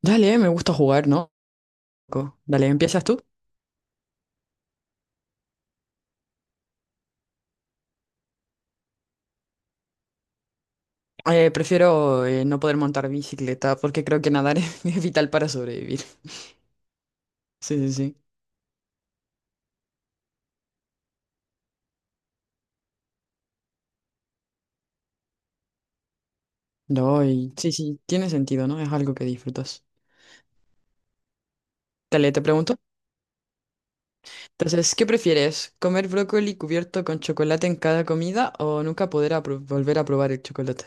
Dale, me gusta jugar, ¿no? Dale, ¿empiezas tú? Prefiero no poder montar bicicleta porque creo que nadar es vital para sobrevivir. Sí, sí, sí. No, y sí, sí, tiene sentido, ¿no? Es algo que disfrutas. Dale, te pregunto. Entonces, ¿qué prefieres? ¿Comer brócoli cubierto con chocolate en cada comida o nunca poder volver a probar el chocolate?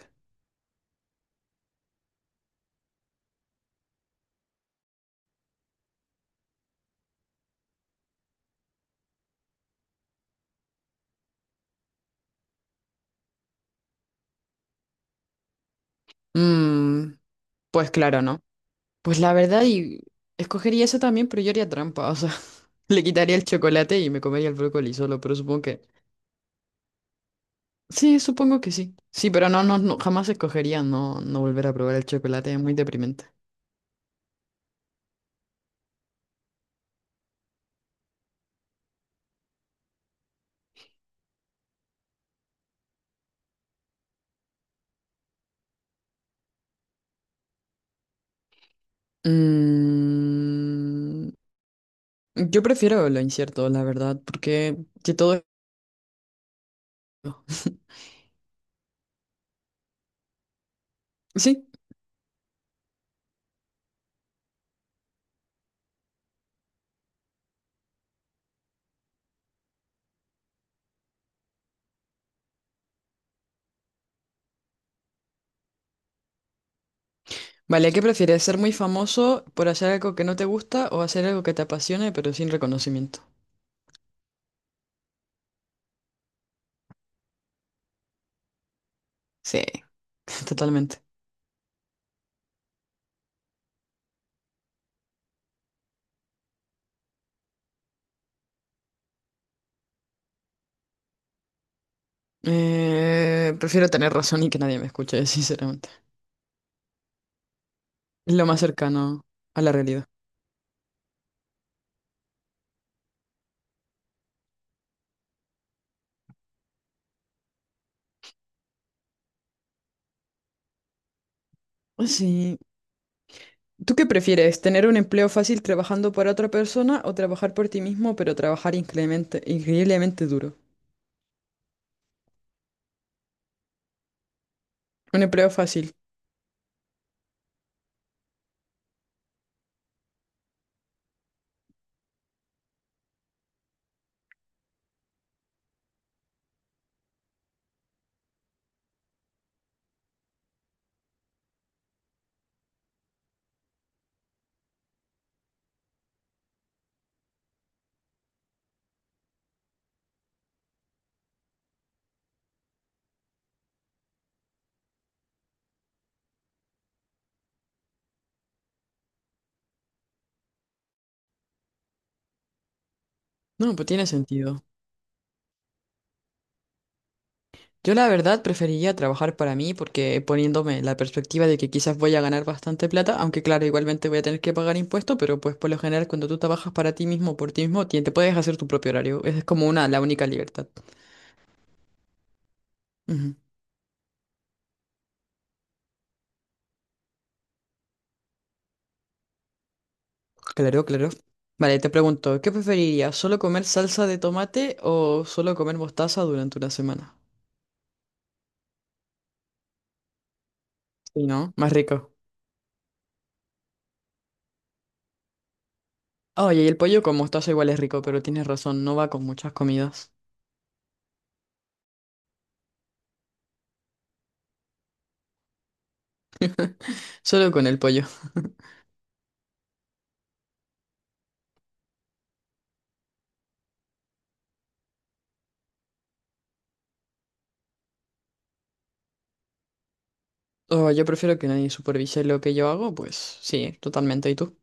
Mmm, pues claro, ¿no? Pues la verdad, y escogería eso también, pero yo haría trampa, o sea, le quitaría el chocolate y me comería el brócoli solo, pero supongo que sí, supongo que sí. Sí, pero no, no, no, jamás escogería no, no volver a probar el chocolate, es muy deprimente. Mm, yo prefiero lo incierto, la verdad, porque que todo es... Sí. Vale, ¿qué prefieres? ¿Ser muy famoso por hacer algo que no te gusta o hacer algo que te apasione pero sin reconocimiento? Sí, totalmente. Prefiero tener razón y que nadie me escuche, sinceramente. Es lo más cercano a la realidad. Sí, ¿tú qué prefieres? ¿Tener un empleo fácil trabajando para otra persona o trabajar por ti mismo, pero trabajar increíblemente, increíblemente duro? Un empleo fácil. No, pues tiene sentido. Yo la verdad preferiría trabajar para mí porque poniéndome la perspectiva de que quizás voy a ganar bastante plata, aunque claro, igualmente voy a tener que pagar impuestos, pero pues por lo general cuando tú trabajas para ti mismo, por ti mismo, te puedes hacer tu propio horario. Esa es como una, la única libertad. Ujú. Claro, claro. Vale, te pregunto, ¿qué preferirías? ¿Solo comer salsa de tomate o solo comer mostaza durante una semana? Sí, ¿no? Más rico. Oye, y el pollo con mostaza igual es rico, pero tienes razón, no va con muchas comidas. Solo con el pollo. Oh, yo prefiero que nadie supervise lo que yo hago, pues sí, totalmente. ¿Y tú?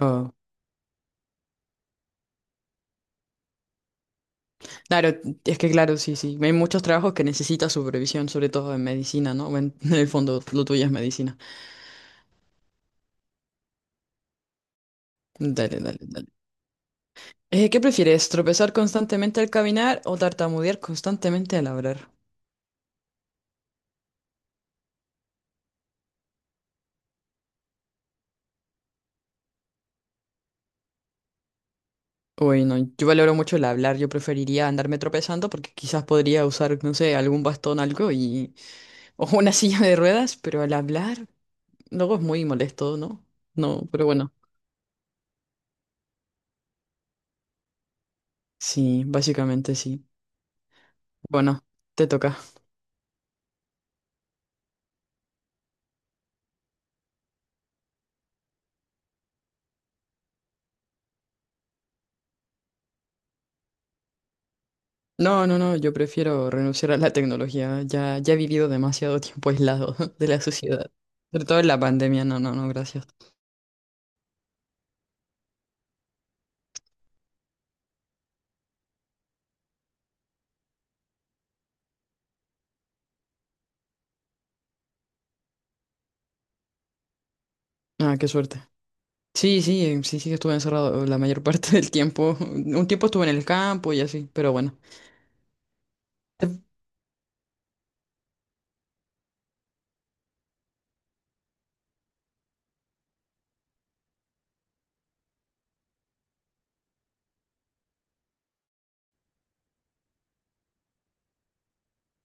Oh. Claro, es que claro, sí, sí. Hay muchos trabajos que necesitan supervisión, sobre todo en medicina, ¿no? Bueno, en el fondo, lo tuyo es medicina. Dale, dale, dale. ¿Qué prefieres? ¿Tropezar constantemente al caminar o tartamudear constantemente al hablar? Uy, no, yo valoro mucho el hablar, yo preferiría andarme tropezando porque quizás podría usar, no sé, algún bastón, algo y... o una silla de ruedas, pero al hablar luego es muy molesto, ¿no? No, pero bueno, sí, básicamente sí. Bueno, te toca. No, no, no, yo prefiero renunciar a la tecnología, ya, ya he vivido demasiado tiempo aislado de la sociedad, sobre todo en la pandemia, no, no, no, gracias. Ah, qué suerte. Sí, sí, sí, sí, estuve encerrado la mayor parte del tiempo. Un tiempo estuve en el campo y así, pero bueno.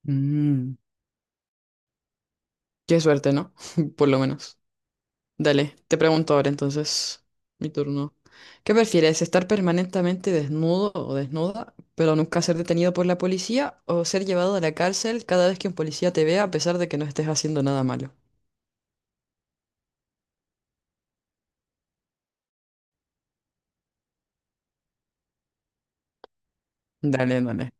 Mm, qué suerte, ¿no? Por lo menos. Dale, te pregunto ahora entonces, mi turno. ¿Qué prefieres, estar permanentemente desnudo o desnuda, pero nunca ser detenido por la policía, o ser llevado a la cárcel cada vez que un policía te vea a pesar de que no estés haciendo nada malo? Dale, dale.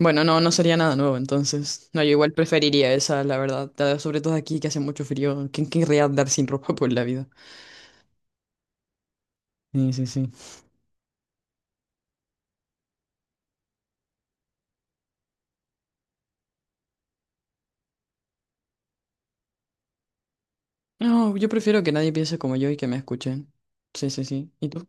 Bueno, no, no sería nada nuevo entonces. No, yo igual preferiría esa, la verdad. Sobre todo aquí que hace mucho frío. ¿Quién querría andar sin ropa por la vida? Sí, sí, sí. No, yo prefiero que nadie piense como yo y que me escuchen. Sí, sí, sí. ¿Y tú?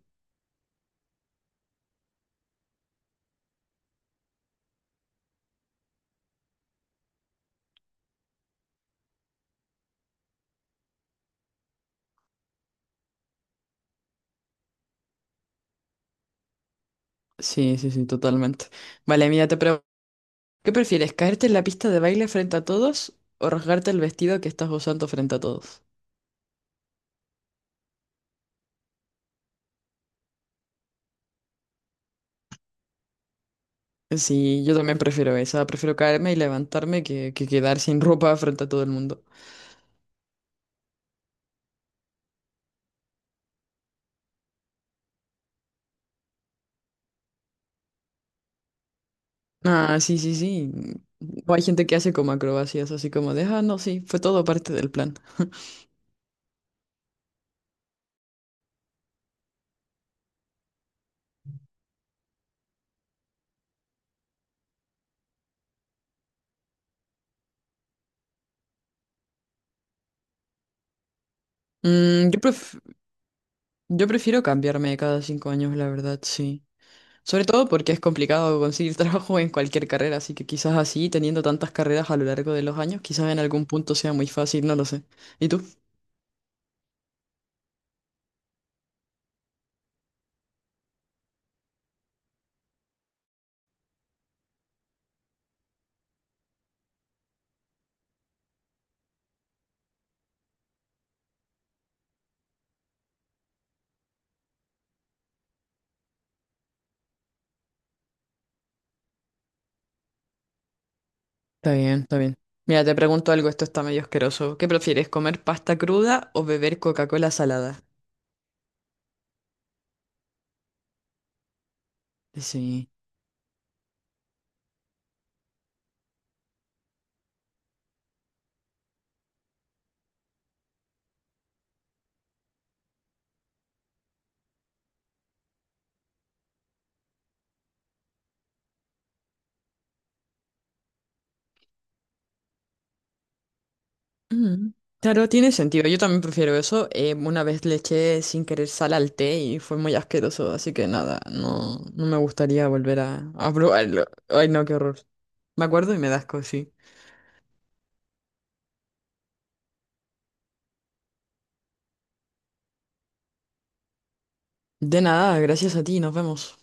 Sí, sí, sí, totalmente. Vale, mira, te pregunto, ¿qué prefieres, caerte en la pista de baile frente a todos o rasgarte el vestido que estás usando frente a todos? Sí, yo también prefiero esa, prefiero caerme y levantarme que quedar sin ropa frente a todo el mundo. Ah, sí, sí, sí. O hay gente que hace como acrobacias, así como de, ah, no, sí, fue todo parte del plan. Mm, yo pref- yo prefiero cambiarme cada 5 años, la verdad, sí. Sobre todo porque es complicado conseguir trabajo en cualquier carrera, así que quizás así, teniendo tantas carreras a lo largo de los años, quizás en algún punto sea muy fácil, no lo sé. ¿Y tú? Está bien, está bien. Mira, te pregunto algo, esto está medio asqueroso. ¿Qué prefieres, comer pasta cruda o beber Coca-Cola salada? Sí. Mm. Claro, tiene sentido. Yo también prefiero eso. Una vez le eché sin querer sal al té y fue muy asqueroso, así que nada, no, no me gustaría volver a probarlo. Ay, no, qué horror. Me acuerdo y me da asco, sí. De nada, gracias a ti, nos vemos.